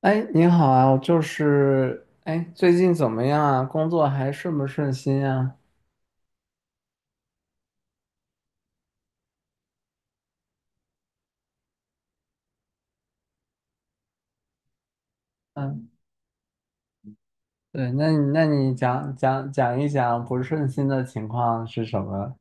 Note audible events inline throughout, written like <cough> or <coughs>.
哎，你好啊，我就是，哎，最近怎么样啊？工作还顺不顺心啊？嗯，对，那你讲一讲不顺心的情况是什么？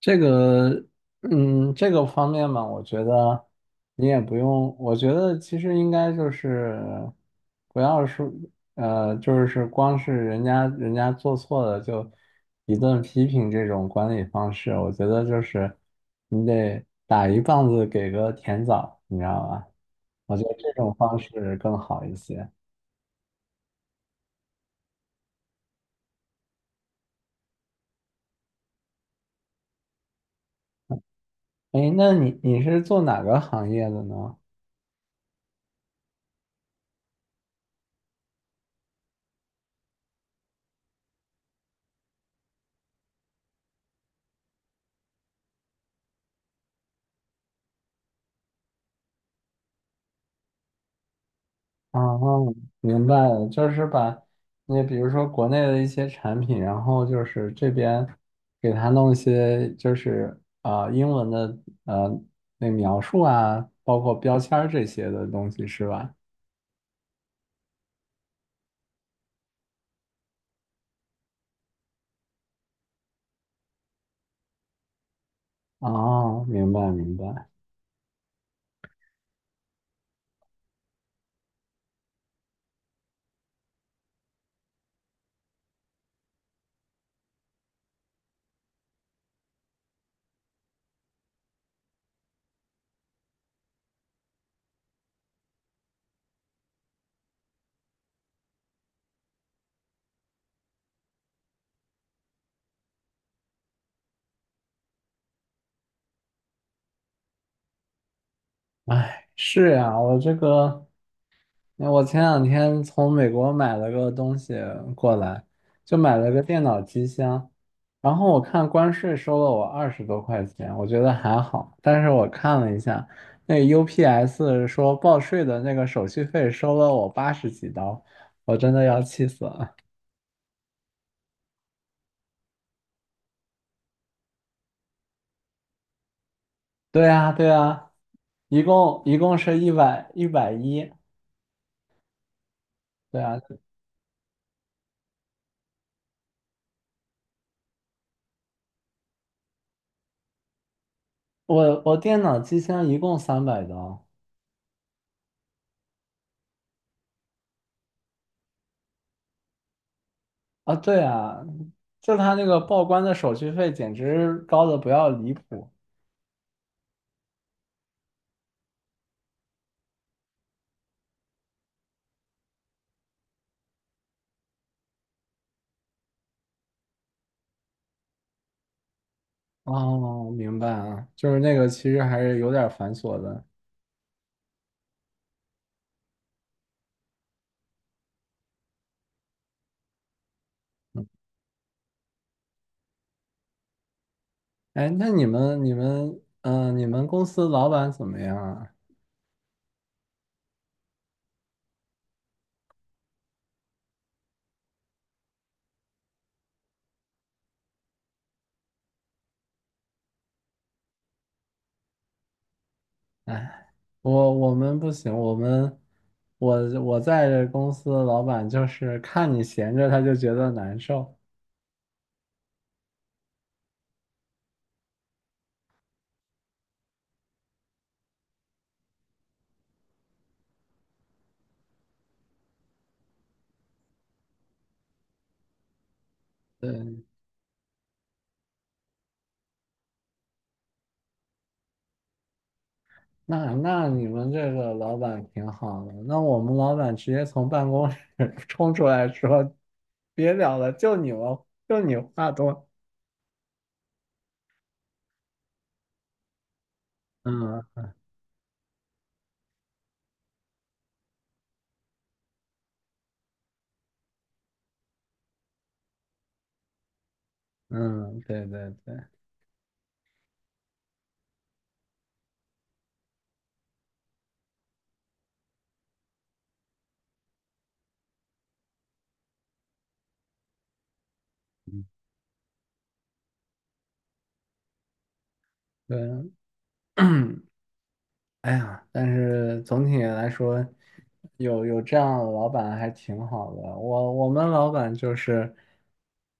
这个，这个方面嘛，我觉得你也不用，我觉得其实应该就是不要说，呃，就是光是人家做错了就一顿批评，这种管理方式，我觉得就是你得打一棒子给个甜枣，你知道吧？我觉得这种方式更好一些。哎，那你是做哪个行业的呢？啊哦，明白了，就是把那比如说国内的一些产品，然后就是这边给它弄一些英文的呃那描述啊，包括标签儿这些的东西是吧？哦，明白明白，是呀，我这个。我前两天从美国买了个东西过来，就买了个电脑机箱，然后我看关税收了我二十多块钱，我觉得还好，但是我看了一下，那 UPS 说报税的那个手续费收了我八十几刀，我真的要气死了。对呀，对呀，一共是一百一十。对啊，我电脑机箱一共三百刀。啊，对啊，就他那个报关的手续费简直高的不要离谱。哦，明白啊，就是那个其实还是有点繁琐的。嗯。哎，那你们公司老板怎么样啊？哎，我我们不行，我们我我在这公司老板就是看你闲着他就觉得难受。对。那你们这个老板挺好的，那我们老板直接从办公室 <laughs> 冲出来说，别聊了，就你话多。嗯。嗯，对对对对。<clears throat> 哎呀，但是总体来说，有这样的老板还挺好的。我们老板就是，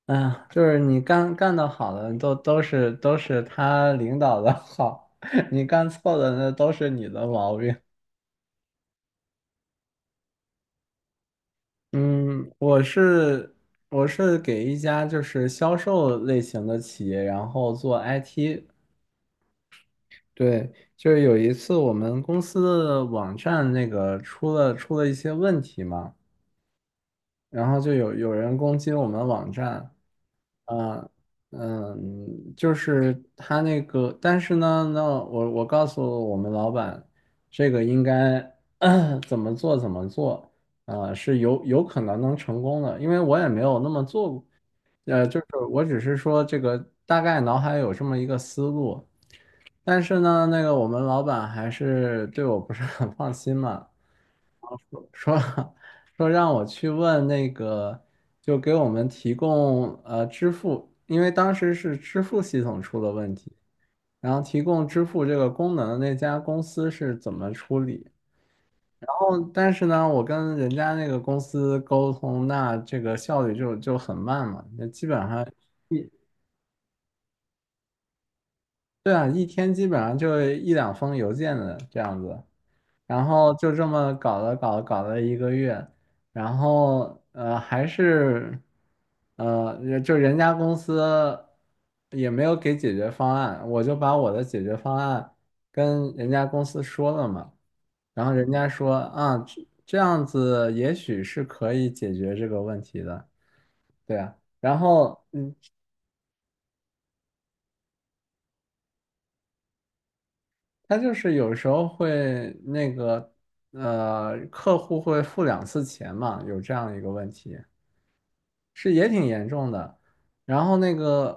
哎呀，就是你干的好的都是他领导的好，<laughs> 你干错的那都是你的毛病。嗯，我是给一家就是销售类型的企业，然后做 IT。对，就是有一次我们公司的网站那个出了一些问题嘛，然后就有人攻击我们网站。嗯。嗯，就是他那个，但是呢，那我告诉我们老板，这个应该 <coughs> <clears throat> 怎么做。呃，是有可能能成功的，因为我也没有那么做过。呃，就是我只是说这个大概脑海有这么一个思路，但是呢，那个我们老板还是对我不是很放心嘛，说 <laughs> 说让我去问那个，就给我们提供呃支付，因为当时是支付系统出了问题，然后提供支付这个功能的那家公司是怎么处理。然后，但是呢，我跟人家那个公司沟通，那这个效率就很慢嘛，那基本上。对啊，一天基本上就一两封邮件的这样子，然后就这么搞了一个月，然后还是就人家公司也没有给解决方案，我就把我的解决方案跟人家公司说了嘛，然后人家说啊这样子也许是可以解决这个问题的，对啊，然后嗯，他就是有时候会那个呃，客户会付两次钱嘛，有这样一个问题，是也挺严重的。然后那个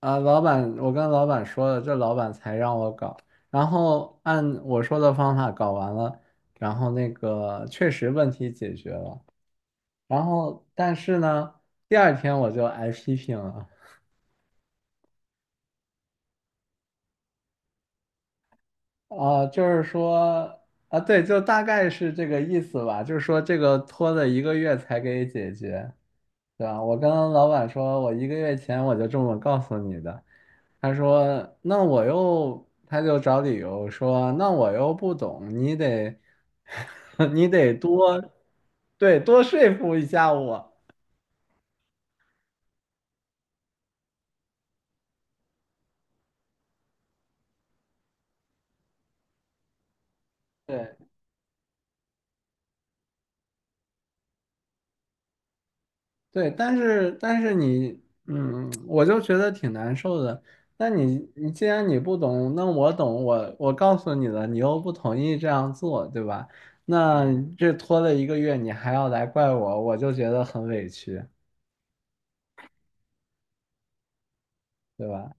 啊、老板，我跟老板说了，这老板才让我搞，然后按我说的方法搞完了，然后那个确实问题解决了，然后但是呢，第二天我就挨批评了。哦，就是说啊，对，就大概是这个意思吧。就是说，这个拖了一个月才给解决，对吧？我跟老板说，我一个月前我就这么告诉你的。他说，那我又，他就找理由说，那我又不懂，你得，<laughs> 你得多，对，多说服一下我。对。对，但是但是你，嗯，我就觉得挺难受的。那你既然你不懂，那我懂，我告诉你了，你又不同意这样做，对吧？那这拖了一个月，你还要来怪我，我就觉得很委屈，对吧？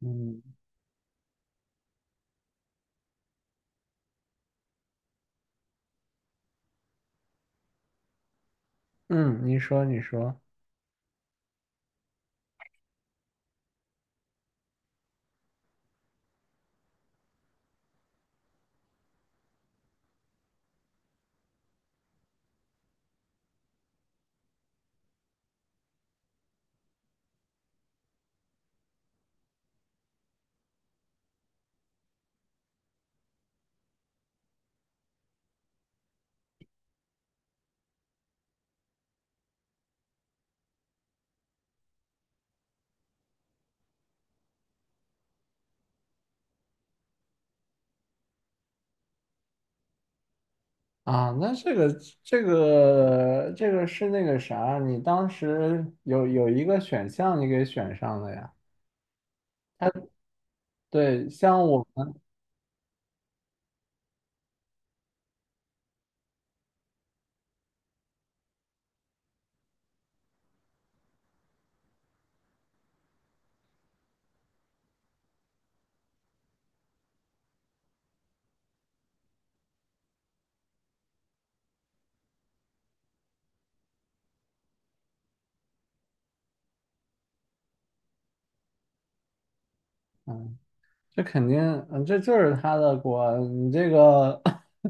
嗯。嗯，你说啊，那这个是那个啥，你当时有一个选项你给选上了呀？对，像我们。嗯。这肯定，嗯，这就是他的锅。你这个 <coughs>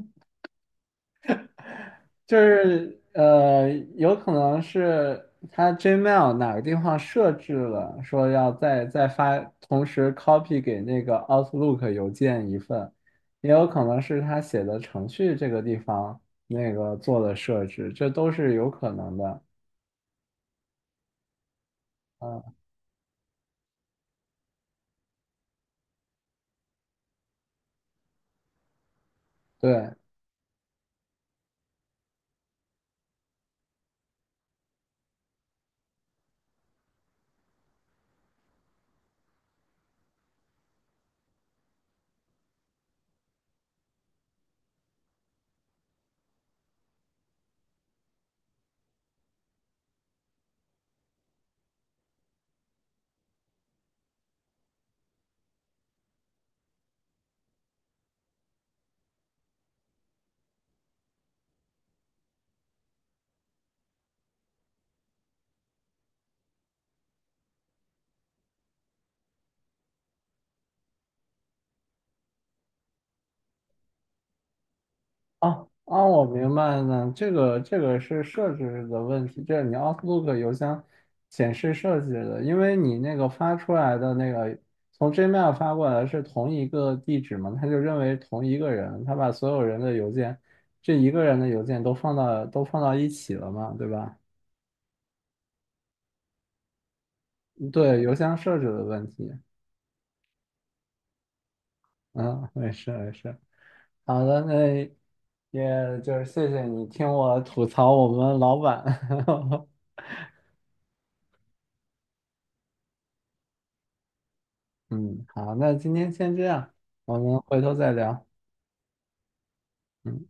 <laughs> 就是呃，有可能是他 Gmail 哪个地方设置了，说要再发，同时 copy 给那个 Outlook 邮件一份，也有可能是他写的程序这个地方那个做的设置，这都是有可能的。嗯，对。哦啊，我明白了，这个是设置的问题，这是你 Outlook 邮箱显示设置的，因为你那个发出来的那个从 Gmail 发过来是同一个地址嘛，他就认为同一个人，他把所有人的邮件，这一个人的邮件都放到一起了嘛，对吧？对，邮箱设置的问题，嗯，没事没事，好的，那也就是谢谢你听我吐槽我们老板。<laughs> 嗯，好，那今天先这样，我们回头再聊。嗯。